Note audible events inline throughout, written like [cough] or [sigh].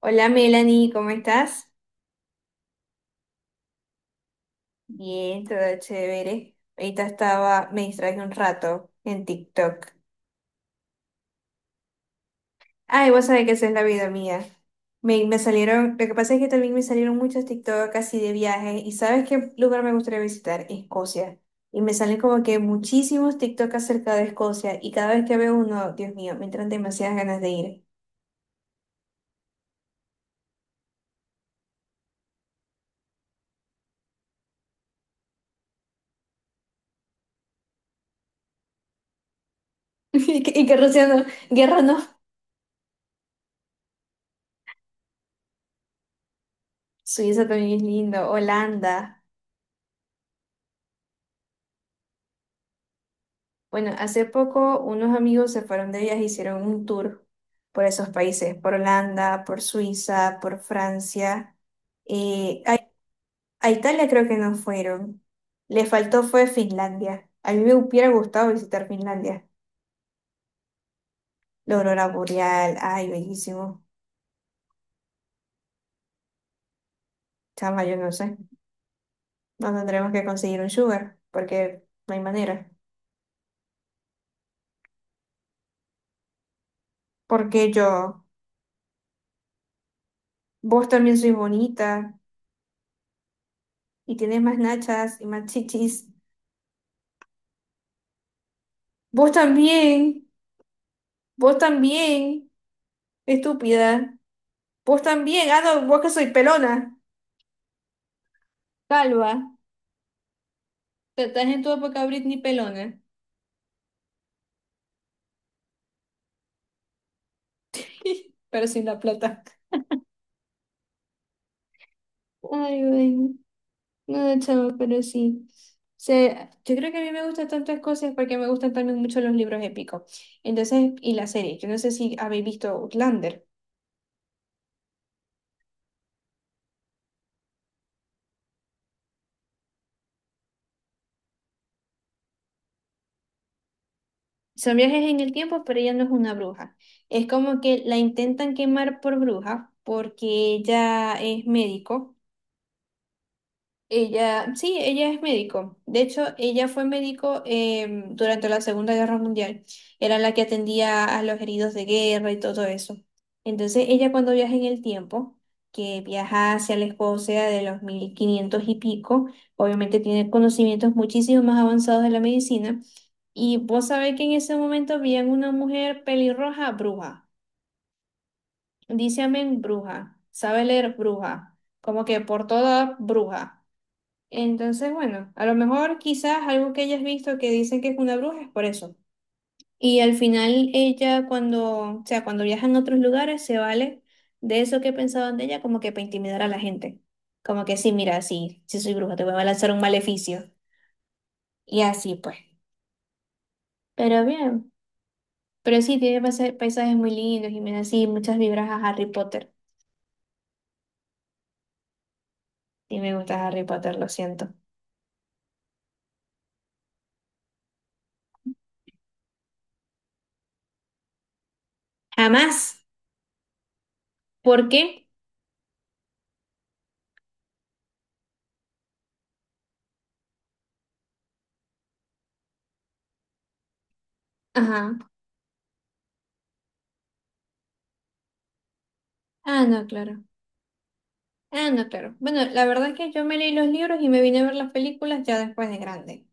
Hola Melanie, ¿cómo estás? Bien, todo chévere. Ahorita estaba, me distraje un rato en TikTok. Ay, vos sabés que esa es la vida mía. Me salieron, lo que pasa es que también me salieron muchos TikTok así de viaje. ¿Y sabes qué lugar me gustaría visitar? Escocia. Y me salen como que muchísimos TikTok acerca de Escocia. Y cada vez que veo uno, Dios mío, me entran demasiadas ganas de ir. [laughs] Y que Rusia no, guerra no. Suiza también es lindo, Holanda. Bueno, hace poco unos amigos se fueron de viaje, hicieron un tour por esos países, por Holanda, por Suiza, por Francia. eh, a, a Italia creo que no fueron. Le faltó fue Finlandia. A mí me hubiera gustado visitar Finlandia. La aurora boreal, ay, bellísimo. Chama, yo no sé. No tendremos que conseguir un sugar, porque no hay manera. Porque yo, vos también sois bonita y tienes más nachas y más chichis. Vos también. Vos también, estúpida. Vos también. Ah, no, vos que soy pelona. Calva. Te estás en tu época Britney pelona. [laughs] Pero sin la plata. Ay, bueno. No, chavo, pero sí. O sea, yo creo que a mí me gustan tantas cosas porque me gustan también mucho los libros épicos. Entonces, y la serie. Yo no sé si habéis visto Outlander. Son viajes en el tiempo, pero ella no es una bruja. Es como que la intentan quemar por bruja porque ella es médico. Ella, sí, ella es médico. De hecho, ella fue médico durante la Segunda Guerra Mundial. Era la que atendía a los heridos de guerra y todo eso. Entonces, ella cuando viaja en el tiempo, que viaja hacia la Escocia de los 1500 y pico, obviamente tiene conocimientos muchísimo más avanzados de la medicina. Y vos sabés que en ese momento veían una mujer pelirroja bruja. Dice amén bruja. Sabe leer bruja. Como que por toda bruja. Entonces, bueno, a lo mejor quizás algo que hayas visto que dicen que es una bruja es por eso. Y al final ella cuando, o sea, cuando viajan a otros lugares se vale de eso que pensaban de ella como que para intimidar a la gente. Como que sí, mira, sí, sí soy bruja, te voy a lanzar un maleficio. Y así pues. Pero bien, pero sí, tiene paisajes muy lindos y me da así muchas vibras a Harry Potter. Y me gusta Harry Potter, lo siento. Jamás. ¿Por qué? Ajá. Ah, no, claro. Ah, no, claro. Bueno, la verdad es que yo me leí los libros y me vine a ver las películas ya después de grande.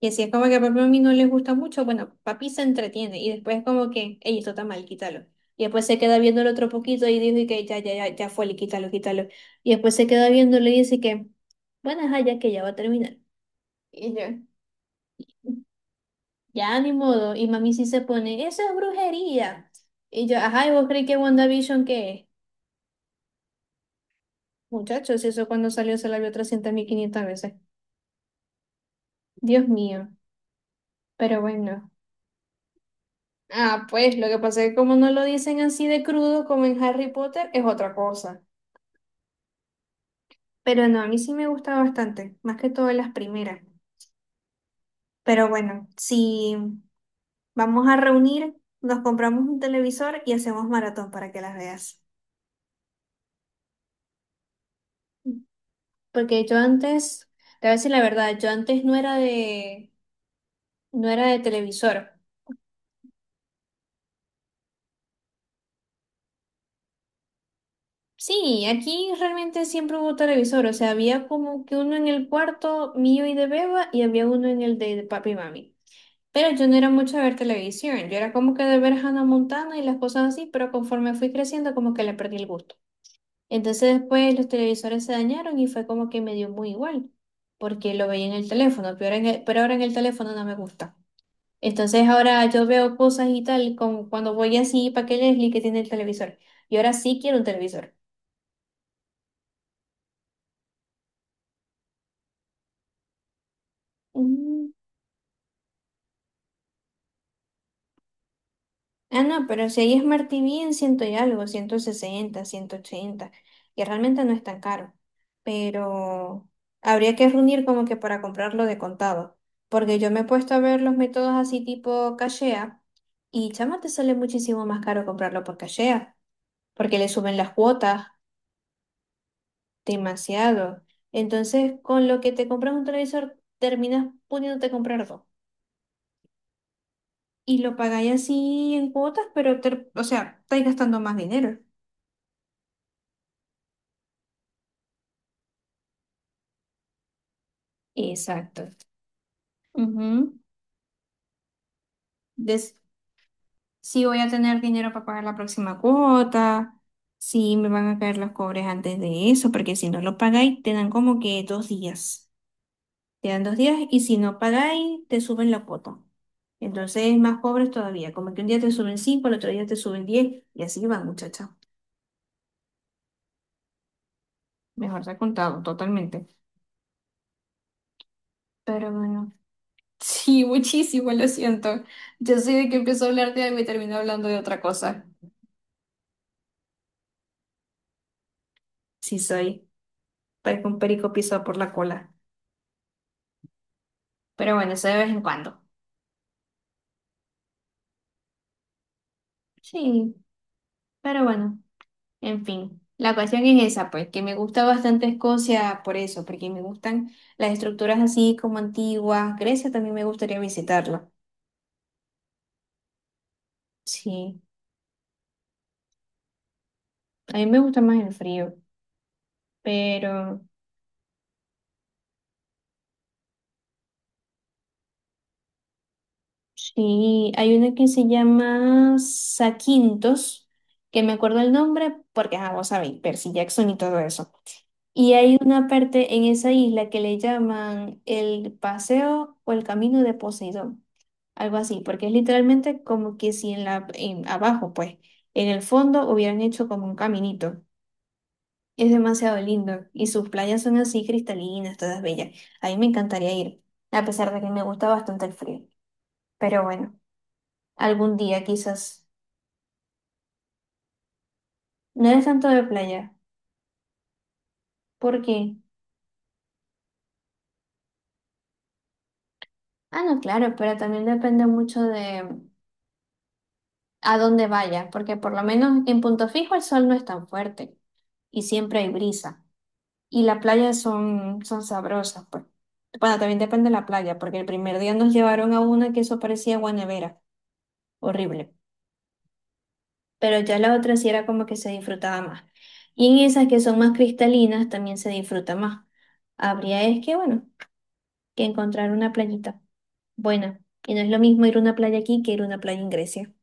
Y así es como que papá a mí no les gusta mucho, bueno, papi se entretiene y después es como que, ey, esto está mal, quítalo. Y después se queda viéndolo otro poquito y dice que ya, ya, ya, ya fue, quítalo, quítalo. Y después se queda viéndolo y dice que, bueno, ajá, ya que ya va a terminar. Y yo, ya ni modo. Y mami sí se pone, eso es brujería. Y yo, ajá, ¿y vos creí que WandaVision qué es? Muchachos, eso cuando salió se la vio 300.500 veces. Dios mío. Pero bueno. Ah, pues lo que pasa es que como no lo dicen así de crudo como en Harry Potter, es otra cosa. Pero no, a mí sí me gusta bastante, más que todo las primeras. Pero bueno, si vamos a reunir, nos compramos un televisor y hacemos maratón para que las veas. Porque yo antes, te voy a decir la verdad, yo antes no era de, no era de televisor. Sí, aquí realmente siempre hubo televisor, o sea, había como que uno en el cuarto mío y de Beba y había uno en el de papi y mami. Pero yo no era mucho de ver televisión, yo era como que de ver Hannah Montana y las cosas así, pero conforme fui creciendo como que le perdí el gusto. Entonces después los televisores se dañaron y fue como que me dio muy igual, porque lo veía en el teléfono, pero ahora en el teléfono no me gusta. Entonces ahora yo veo cosas y tal, como cuando voy así para que Leslie que tiene el televisor. Y ahora sí quiero un televisor. Mm, Ah, no, pero si ahí es Martí en ciento y algo, 160, 180 y realmente no es tan caro, pero habría que reunir como que para comprarlo de contado, porque yo me he puesto a ver los métodos así tipo Cashea, y chama te sale muchísimo más caro comprarlo por Cashea, porque le suben las cuotas demasiado. Entonces, con lo que te compras un televisor, terminas pudiéndote comprar dos, y lo pagáis así en cuotas, pero, o sea, estáis gastando más dinero. Exacto. Ujú. Des- si voy a tener dinero para pagar la próxima cuota, si me van a caer los cobres antes de eso, porque si no lo pagáis, te dan como que 2 días. Te dan 2 días y si no pagáis, te suben la cuota. Entonces, más pobres todavía, como que un día te suben cinco, el otro día te suben 10 y así van, muchacha. Mejor te ha contado, totalmente. Pero bueno, [laughs] sí, muchísimo, lo siento. Yo soy de que empiezo a hablar de algo y termino hablando de otra cosa. Sí soy, parezco un perico pisado por la cola. Pero bueno, eso de vez en cuando. Sí, pero bueno, en fin. La cuestión es esa, pues, que me gusta bastante Escocia por eso, porque me gustan las estructuras así como antiguas. Grecia también me gustaría visitarla. Sí, a mí me gusta más el frío, pero sí, hay una que se llama Saquintos, que me acuerdo el nombre porque, ah, vos sabéis, Percy Jackson y todo eso. Y hay una parte en esa isla que le llaman el paseo o el camino de Poseidón. Algo así, porque es literalmente como que si en la, en, abajo, pues, en el fondo hubieran hecho como un caminito. Es demasiado lindo y sus playas son así cristalinas, todas bellas. A mí me encantaría ir, a pesar de que me gusta bastante el frío. Pero bueno, algún día quizás. No eres tanto de playa, porque, ah, no, claro, pero también depende mucho de a dónde vayas, porque por lo menos en Punto Fijo el sol no es tan fuerte y siempre hay brisa. Y las playas son, son sabrosas, pues. Bueno, también depende de la playa, porque el primer día nos llevaron a una que eso parecía Guanevera, horrible. Pero ya la otra sí era como que se disfrutaba más. Y en esas que son más cristalinas también se disfruta más. Habría es que, bueno, que encontrar una playita buena. Y no es lo mismo ir a una playa aquí que ir a una playa en Grecia,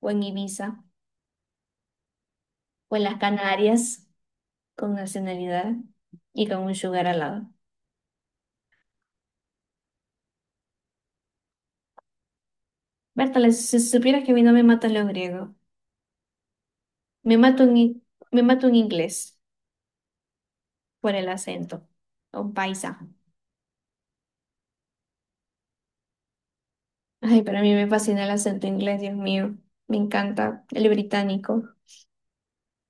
o en Ibiza, o en las Canarias, con nacionalidad y con un sugar al lado. Bertale, si supieras que a mí no me matan los griegos. Me mato en in- me mato en inglés por el acento. O un paisa. Ay, para mí me fascina el acento inglés, Dios mío. Me encanta el británico.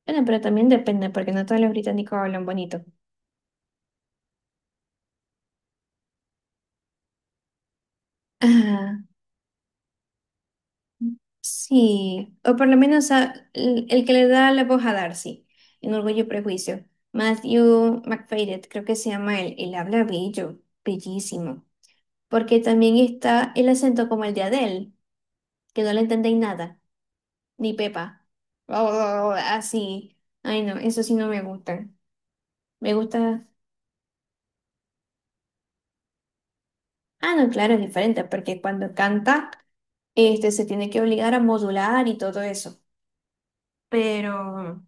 Bueno, pero también depende, porque no todos los británicos hablan bonito. Ah, sí. O por lo menos el que le da la voz a Darcy, en Orgullo y Prejuicio. Matthew McFadden, creo que se llama él. Él habla bello, bellísimo. Porque también está el acento como el de Adele, que no le entendéis nada. Ni pepa. Oh, así. Ay, no, eso sí no me gusta. Me gusta. Ah, no, claro, es diferente, porque cuando canta, este, se tiene que obligar a modular y todo eso. Pero,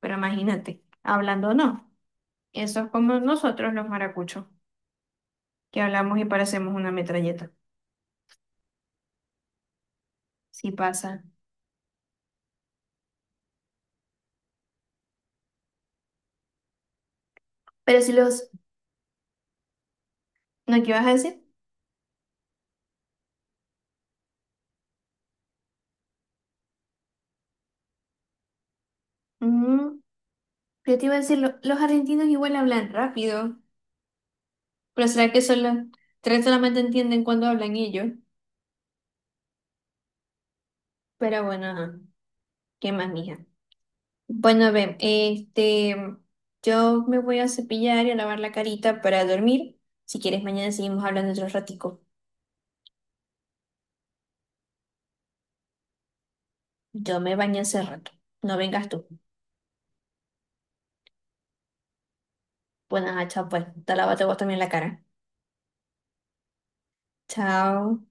pero imagínate, hablando no. Eso es como nosotros los maracuchos, que hablamos y parecemos una metralleta. Sí pasa. Pero si los... ¿No qué ibas a decir? Mm, yo te iba a decir, los argentinos igual hablan rápido, pero será que solo tres solamente entienden cuando hablan ellos. Pero bueno, ajá. ¿Qué más, mija? Bueno, ven, este, yo me voy a cepillar y a lavar la carita para dormir. Si quieres, mañana seguimos hablando otro ratico. Yo me bañé hace rato. No vengas tú. Bueno, ajá, chao pues. Te lávate vos también la cara. Chao.